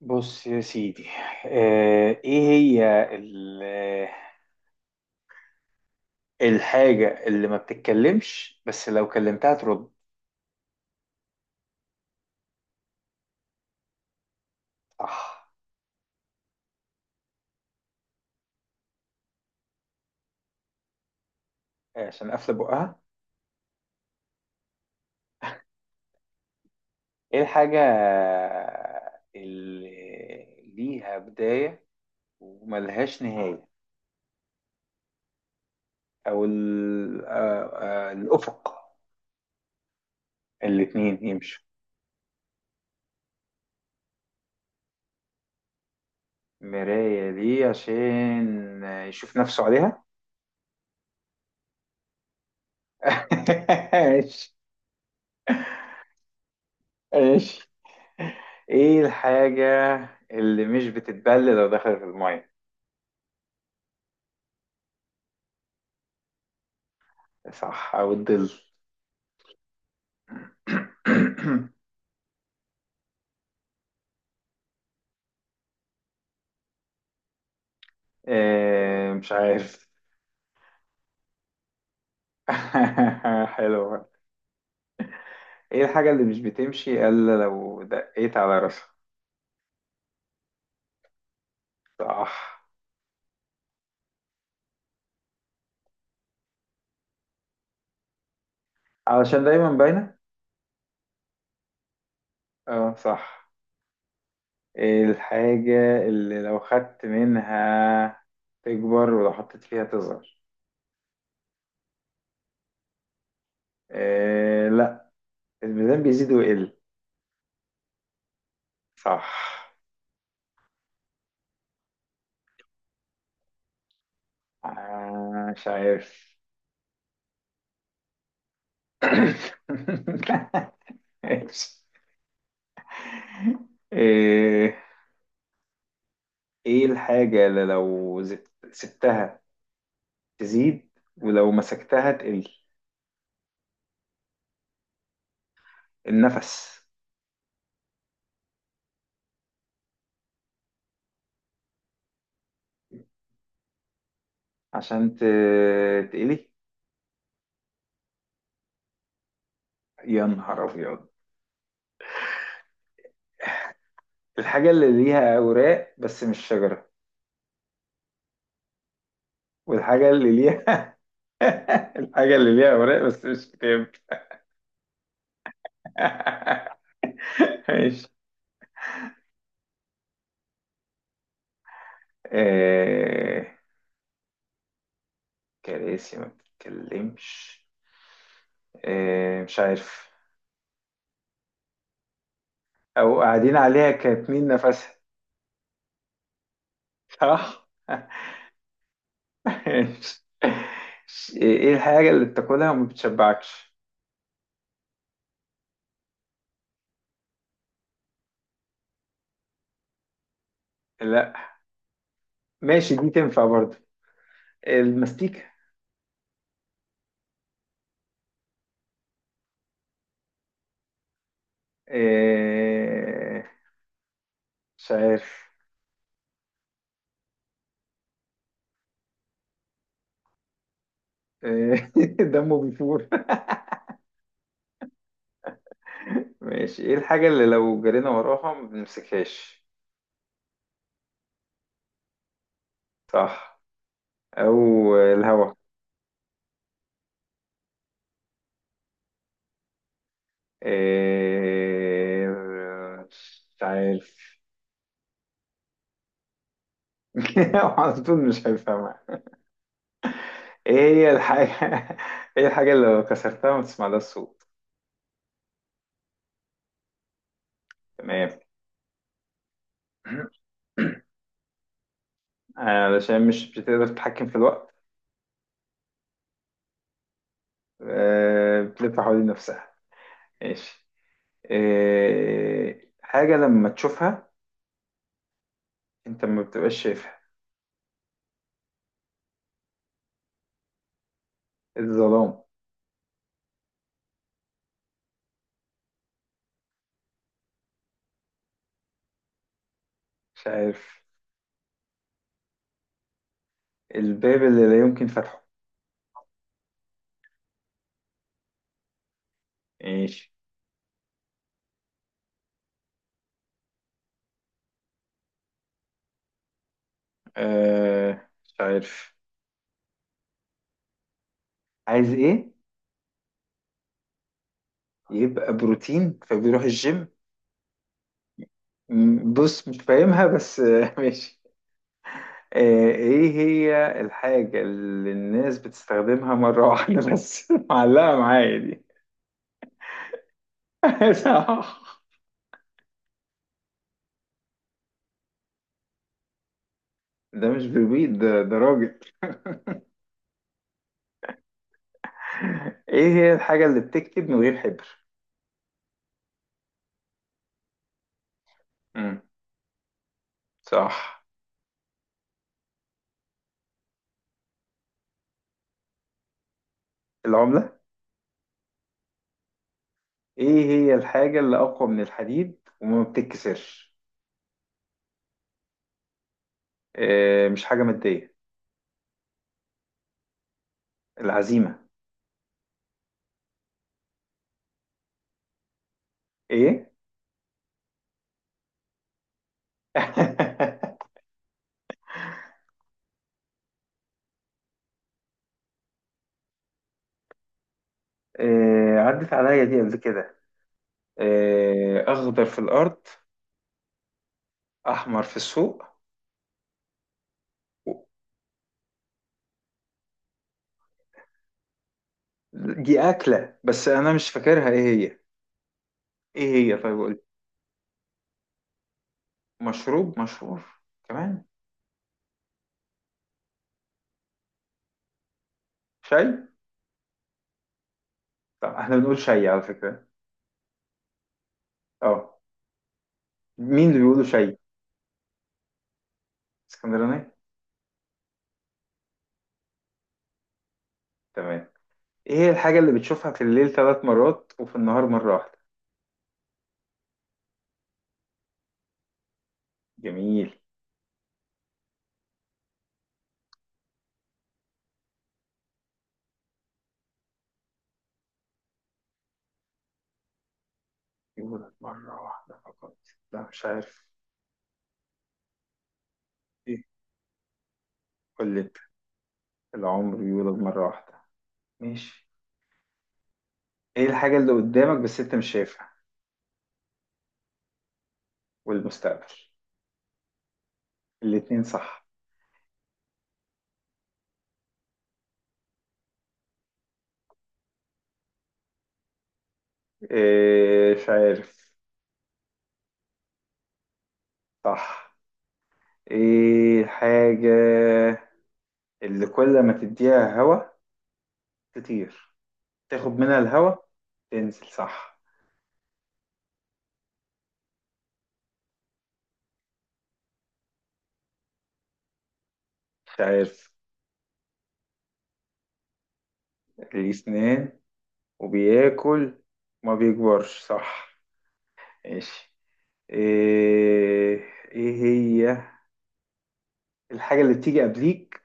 بص يا سيدي. ايه هي الحاجة اللي ما بتتكلمش بس لو كلمتها ترد؟ صح. عشان قافلة بقها. ايه الحاجة اللي ليها بداية وملهاش نهاية؟ او الافق. الاتنين يمشوا. مراية دي عشان يشوف نفسه عليها. ماشي. ماشي. ايه الحاجة اللي مش بتتبل لو دخلت المية؟ صح، او الظل. إيه، مش عارف. حلوة. ايه الحاجة اللي مش بتمشي الا لو دقيت على راسها؟ صح، علشان دايما باينة. اه، صح. ايه الحاجة اللي لو خدت منها تكبر ولو حطيت فيها تصغر؟ إيه، لا، الميزان بيزيد ويقل. صح. مش عارف. ماشي. ايه، إيه الحاجة اللي لو سبتها تزيد ولو مسكتها تقل؟ النفس. عشان تقلي. يا نهار ابيض. الحاجة اللي ليها اوراق بس مش شجرة. والحاجة اللي ليها… الحاجة اللي ليها اوراق بس مش كتاب. ماشي. إيه، كراسي ما بتتكلمش؟ إيه، مش عارف. او قاعدين عليها كاتمين نفسها. اه. ايه الحاجة اللي بتاكلها وما بتشبعكش؟ لا، ماشي دي تنفع برضه. المستيك. إيه، مش عارف. إيه. دمه بيفور. ماشي. ايه الحاجة اللي لو جرينا وراها ما بنمسكهاش؟ صح، او الهوا. إيه، مش عارف. على طول مش هيفهمها. ايه هي الحاجة. ايه الحاجة اللي لو كسرتها ما تسمع لها الصوت؟ تمام. آه، علشان مش بتقدر تتحكم في الوقت. بتلف حوالين نفسها. ماشي. آه، حاجة لما تشوفها انت ما بتبقاش شايفها. الظلام. مش عارف. الباب اللي لا يمكن فتحه. ماشي. مش عارف. عايز ايه؟ يبقى بروتين فبيروح الجيم. بص مش فاهمها بس. ماشي آه، ايه هي الحاجة اللي الناس بتستخدمها مرة واحدة بس معلقة معايا. ده مش بربيد ده، ده راجل. ايه هي الحاجة اللي بتكتب من غير حبر؟ امم. صح. العملة. ايه هي الحاجة اللي أقوى من الحديد وما بتتكسرش؟ إيه، مش حاجة مادية. العزيمة. ايه؟ إيه، عدت عليا دي قبل كده. إيه، أخضر في الأرض، أحمر في السوق، و- دي أكلة بس أنا مش فاكرها ايه هي. ايه هي؟ طيب قول. مشروب مشهور؟ كمان. شاي. طب احنا بنقول شيء على فكرة. اه. مين اللي بيقولوا شيء؟ اسكندراني. تمام. ايه هي الحاجة اللي بتشوفها في الليل 3 مرات وفي النهار مرة واحدة؟ جميل. يولد مرة واحدة فقط؟ لا، مش عارف. ايه؟ قول لي انت. العمر يولد مرة واحدة. ماشي. ايه الحاجة اللي قدامك بس انت مش شايفها؟ والمستقبل. الاتنين صح. ايه، مش عارف. صح. ايه الحاجة اللي كل ما تديها هوا تطير، تاخد منها الهوا تنزل؟ صح. مش عارف. ليه سنان وبياكل وما بيكبرش؟ صح. ماشي. ايه، ايه هي الحاجة اللي بتيجي قبليك،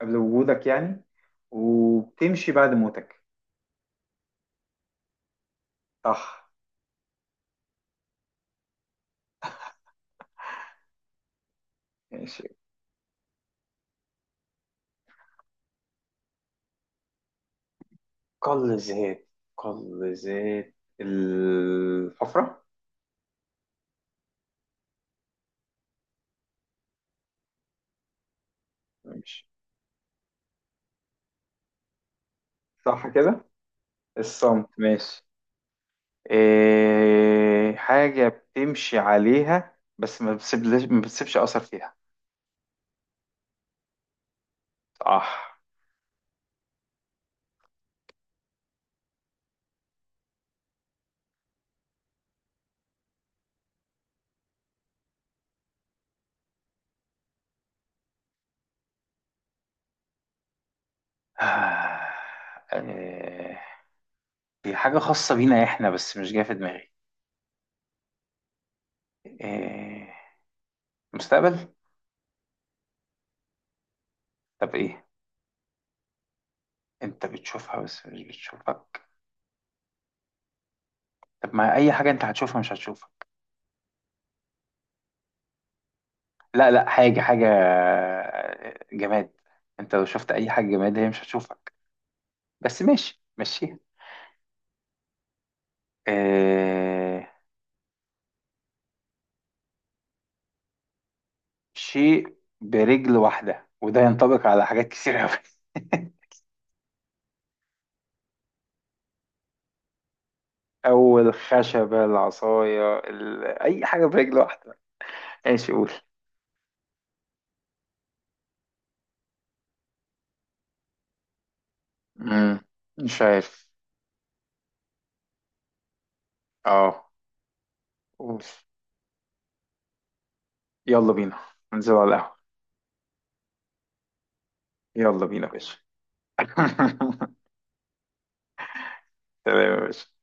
قبل وجودك يعني، وبتمشي بعد موتك؟ صح. ماشي. قل زيت. قل زيت الحفرة. ماشي. صح كده. الصمت. ماشي. إيه، حاجة بتمشي عليها بس ما بتسيبلش ما بتسيبش أثر فيها. صح. إيه، هي حاجة خاصة بينا إحنا بس مش جاية في دماغي. إيه، مستقبل؟ طب إيه؟ أنت بتشوفها بس مش بتشوفك. طب ما أي حاجة أنت هتشوفها مش هتشوفك. لا، لا، حاجة، حاجة، جماد. أنت لو شفت أي حاجة جماد هي مش هتشوفك. بس ماشي مشيها. إيه، شيء برجل واحدة وده ينطبق على حاجات كتير أوي. أول خشبة العصاية أي حاجة برجل واحدة. ماشي قول. مم. مش عارف. اه قول. يلا بينا ننزل على القهوة. يلا بينا يا باشا. تمام يا باشا.